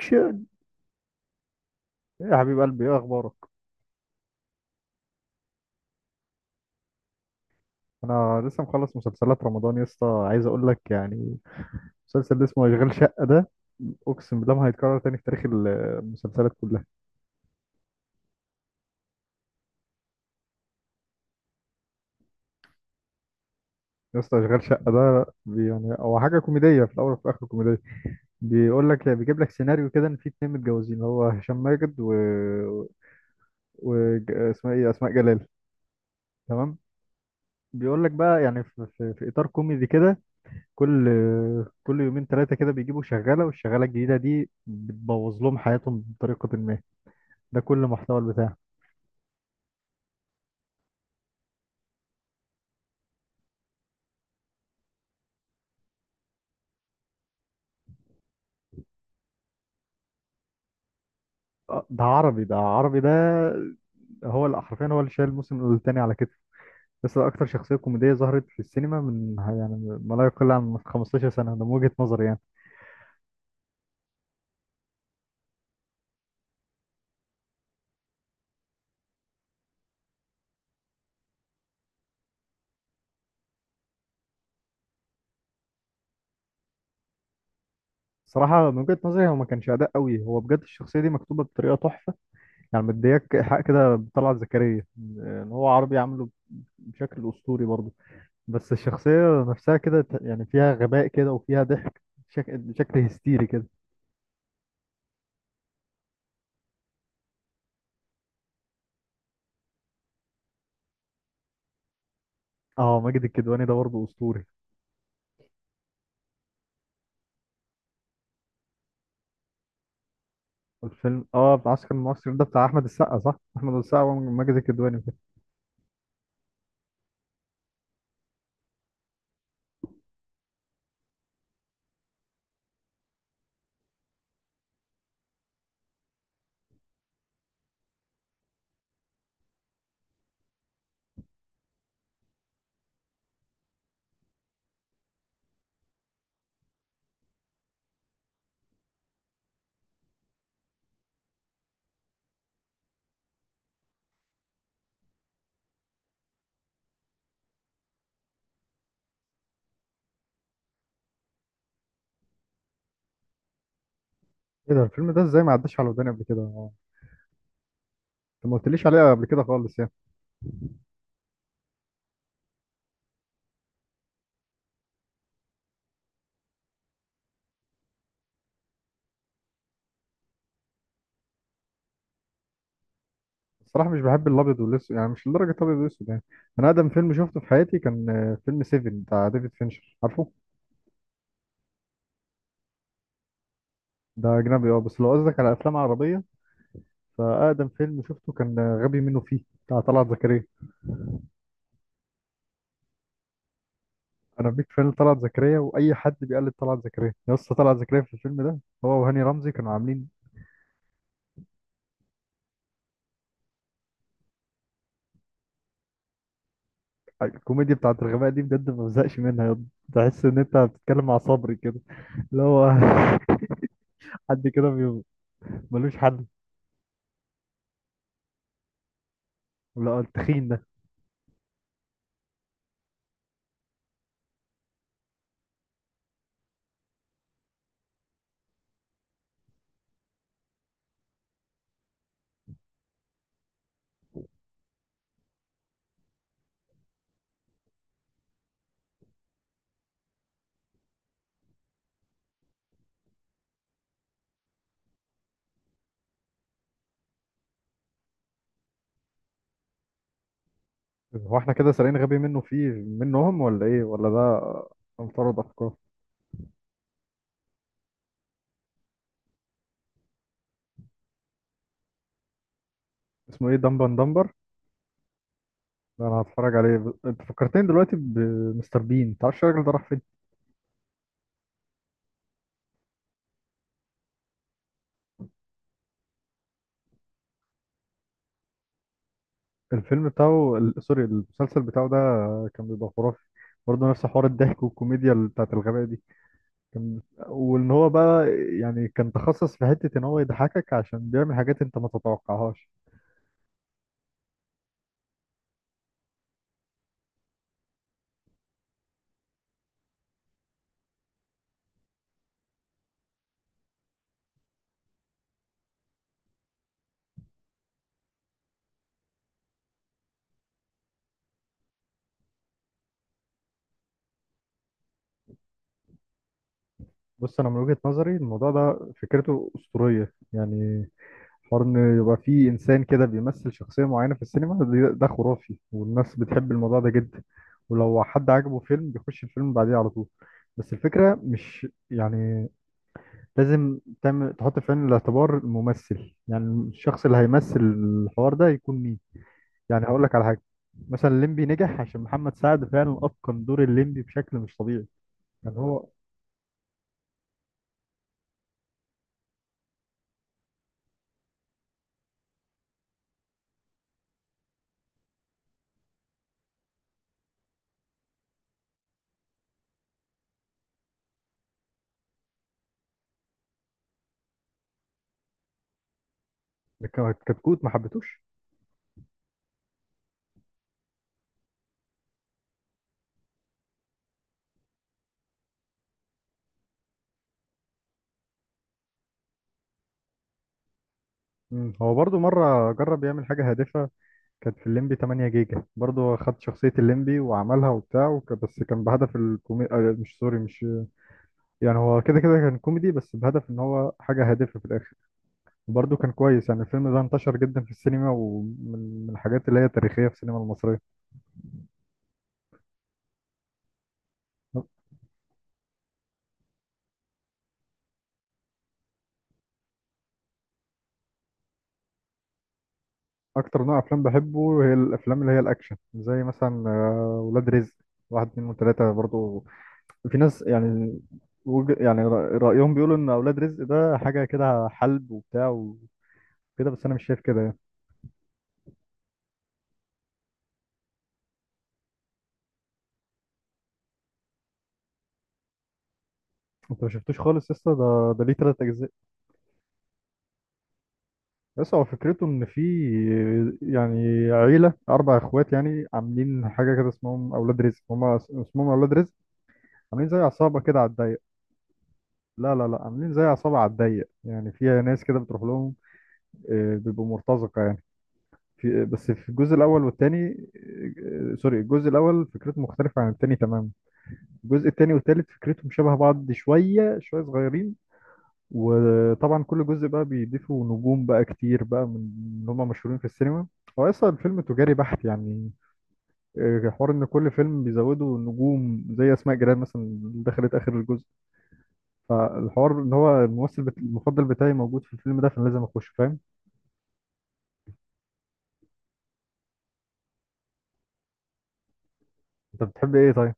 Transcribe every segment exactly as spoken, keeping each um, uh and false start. اكشن. يا حبيب قلبي، ايه اخبارك؟ انا لسه مخلص مسلسلات رمضان يا اسطى، عايز اقول لك يعني المسلسل اللي اسمه اشغال شقه ده، اقسم بالله ما هيتكرر تاني في تاريخ ال- المسلسلات كلها. يا اسطى اشغال شقه ده بي- يعني هو حاجه كوميديه في الاول وفي الاخر كوميديه. بيقول لك إيه، بيجيب لك سيناريو كده ان في اتنين متجوزين اللي هو هشام ماجد و, و... ج- اسمها ايه اسماء جلال. تمام. بيقول لك بقى يعني في, في, في اطار كوميدي كده، كل كل يومين ثلاثة كده بيجيبوا شغالة، والشغالة الجديدة دي بتبوظ لهم حياتهم بطريقة ما. ده كل محتوى البتاع. آه، ده عربي، ده عربي ده، هو اللي حرفيا هو اللي شايل الموسم الثاني على كتفه. بس ده أكتر شخصية كوميدية ظهرت في السينما من يعني ما لا يقل عن 15 سنة، ده من وجهة نظري يعني. صراحة من وجهة نظري هو ما كانش أداء قوي، هو بجد الشخصية دي مكتوبة بطريقة تحفة. يعني مدياك حق كده بطلعت زكريا إن هو عربي عامله بشكل أسطوري برضه. بس الشخصية نفسها كده ت- يعني فيها غباء كده وفيها ضحك، شك... شكل هستيري كده. اه، ماجد الكدواني ده برضه أسطوري. الفيلم اه بتاع عسكر المصري ده بتاع أحمد السقا صح؟ أحمد السقا وماجد الكدواني وكده. ايه ده الفيلم ده ازاي ما عداش على وداني قبل كده؟ آه، انت ما قلتليش عليه قبل كده خالص يعني. الصراحة مش بحب الأبيض والأسود، يعني مش لدرجة الأبيض والأسود يعني. أنا أقدم فيلم شفته في حياتي كان آه، فيلم سيفن بتاع ديفيد فينشر، عارفه؟ ده أجنبي اه، بس لو قصدك على أفلام عربية فأقدم فيلم شفته كان آه، غبي منه فيه بتاع طلعت زكريا. انا بيك فان طلعت زكريا، واي حد بيقلد طلعت زكريا يا اسطى طلعت زكريا في الفيلم ده. هو وهاني رمزي كانوا عاملين الكوميديا بتاعت الغباء دي، بجد ما بزهقش منها يا اسطى. تحس ان انت بتتكلم مع صبري كده، اللي هو حد كده بي- ملوش حل. ولا التخين ده؟ هو احنا كده سارقين غبي منه فيه منهم ولا ايه ولا ده؟ مفترض افكار. اسمه ايه دمبن دمبر؟ ده انا هتفرج عليه. ب- انت فكرتني دلوقتي بمستر بين، تعرفش الراجل ده راح فين؟ الفيلم بتاعه ال- سوري، المسلسل بتاعه ده كان بيبقى خرافي، برضه نفس حوار الضحك والكوميديا ال- بتاعت الغباء دي. كان، وان هو بقى يعني كان تخصص في حتة ان هو يضحكك عشان بيعمل حاجات انت ما تتوقعهاش. بص، انا من وجهة نظري الموضوع ده فكرته أسطورية يعني. حوار ان يبقى فيه انسان كده بيمثل شخصية معينة في السينما، ده, ده خرافي، والناس بتحب الموضوع ده جدا، ولو حد عجبه فيلم بيخش الفيلم بعديه على طول. بس الفكرة مش يعني لازم تعمل، تحط في عين الاعتبار الممثل، يعني الشخص اللي هيمثل الحوار ده يكون مين. يعني هقول لك على حاجه، مثلا الليمبي نجح عشان محمد سعد فعلا اتقن دور الليمبي بشكل مش طبيعي. يعني هو ك- كتكوت ما حبيتوش. مم. هو برضو مره جرب يعمل حاجه هادفه، كانت في الليمبي 8 جيجا، برضو خد شخصيه الليمبي وعملها وبتاع وك... بس كان بهدف الكومي آه، مش سوري مش، يعني هو كده كده كان كوميدي بس بهدف ان هو حاجه هادفه في الاخر. برضه كان كويس يعني، الفيلم ده انتشر جدا في السينما ومن من الحاجات اللي هي تاريخية في السينما المصرية. أكتر نوع أفلام بحبه هي الأفلام اللي هي الأكشن، زي مثلا آه، ولاد رزق واحد اتنين وتلاتة برضه. في ناس يعني وج- يعني رأ- رأيهم بيقولوا إن أولاد رزق ده حاجة كده حلب وبتاع وكده، بس أنا مش شايف كده يعني. أنت ما شفتوش خالص يا اسطى، ده ده ليه تلات أجزاء. بس هو فكرته إن في، يعني عيلة أربع إخوات يعني عاملين حاجة كده اسمهم أولاد رزق، هما اسمهم أولاد رزق، عاملين زي عصابة كده على الضيق. لا لا لا، عاملين زي عصابة على الضيق يعني فيها ناس كده بتروح لهم، آه، بيبقوا مرتزقة يعني. في بس في الجزء الأول والتاني، آه، سوري، الجزء الأول فكرته مختلفة عن التاني تماما. الجزء التاني والتالت فكرتهم شبه بعض، شوية شوية صغيرين. وطبعا كل جزء بقى بيضيفوا نجوم بقى كتير بقى من اللي هم مشهورين في السينما. هو أصلا الفيلم تجاري بحت يعني، آه، حوار إن كل فيلم بيزودوا نجوم زي أسماء جلال مثلا اللي دخلت آخر الجزء. فالحوار ان هو الممثل بت... المفضل بتاعي موجود في الفيلم ده، فانا لازم اخش، فاهم. انت بتحب ايه طيب؟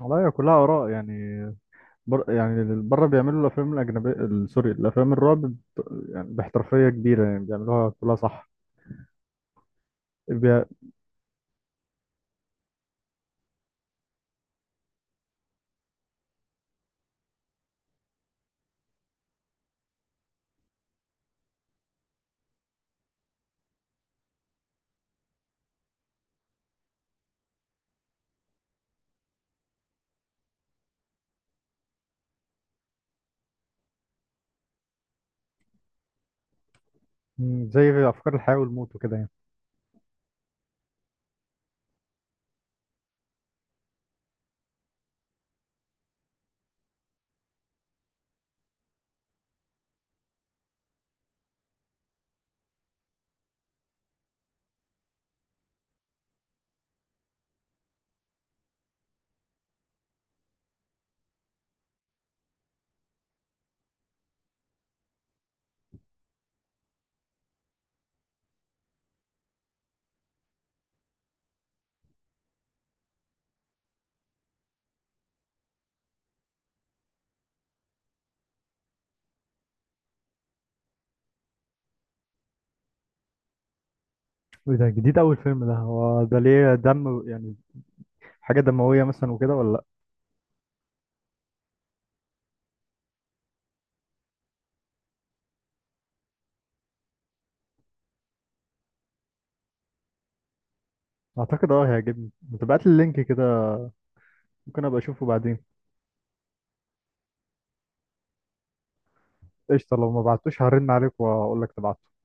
والله هي كلها اراء يعني. بر... يعني بره بيعملوا الافلام الاجنبيه ال- سوري الافلام الرعب ب... يعني باحترافيه كبيره، يعني بيعملوها كلها صح. بي... م، زي افكار الحياه والموت وكده يعني. ايه ده جديد؟ اول فيلم ده، هو ده ليه دم يعني؟ حاجه دمويه مثلا وكده ولا لا؟ اعتقد اه هيعجبني، ما تبعت لي اللينك كده، ممكن ابقى اشوفه بعدين. قشطه، لو ما بعتوش هرن عليك واقول لك تبعته.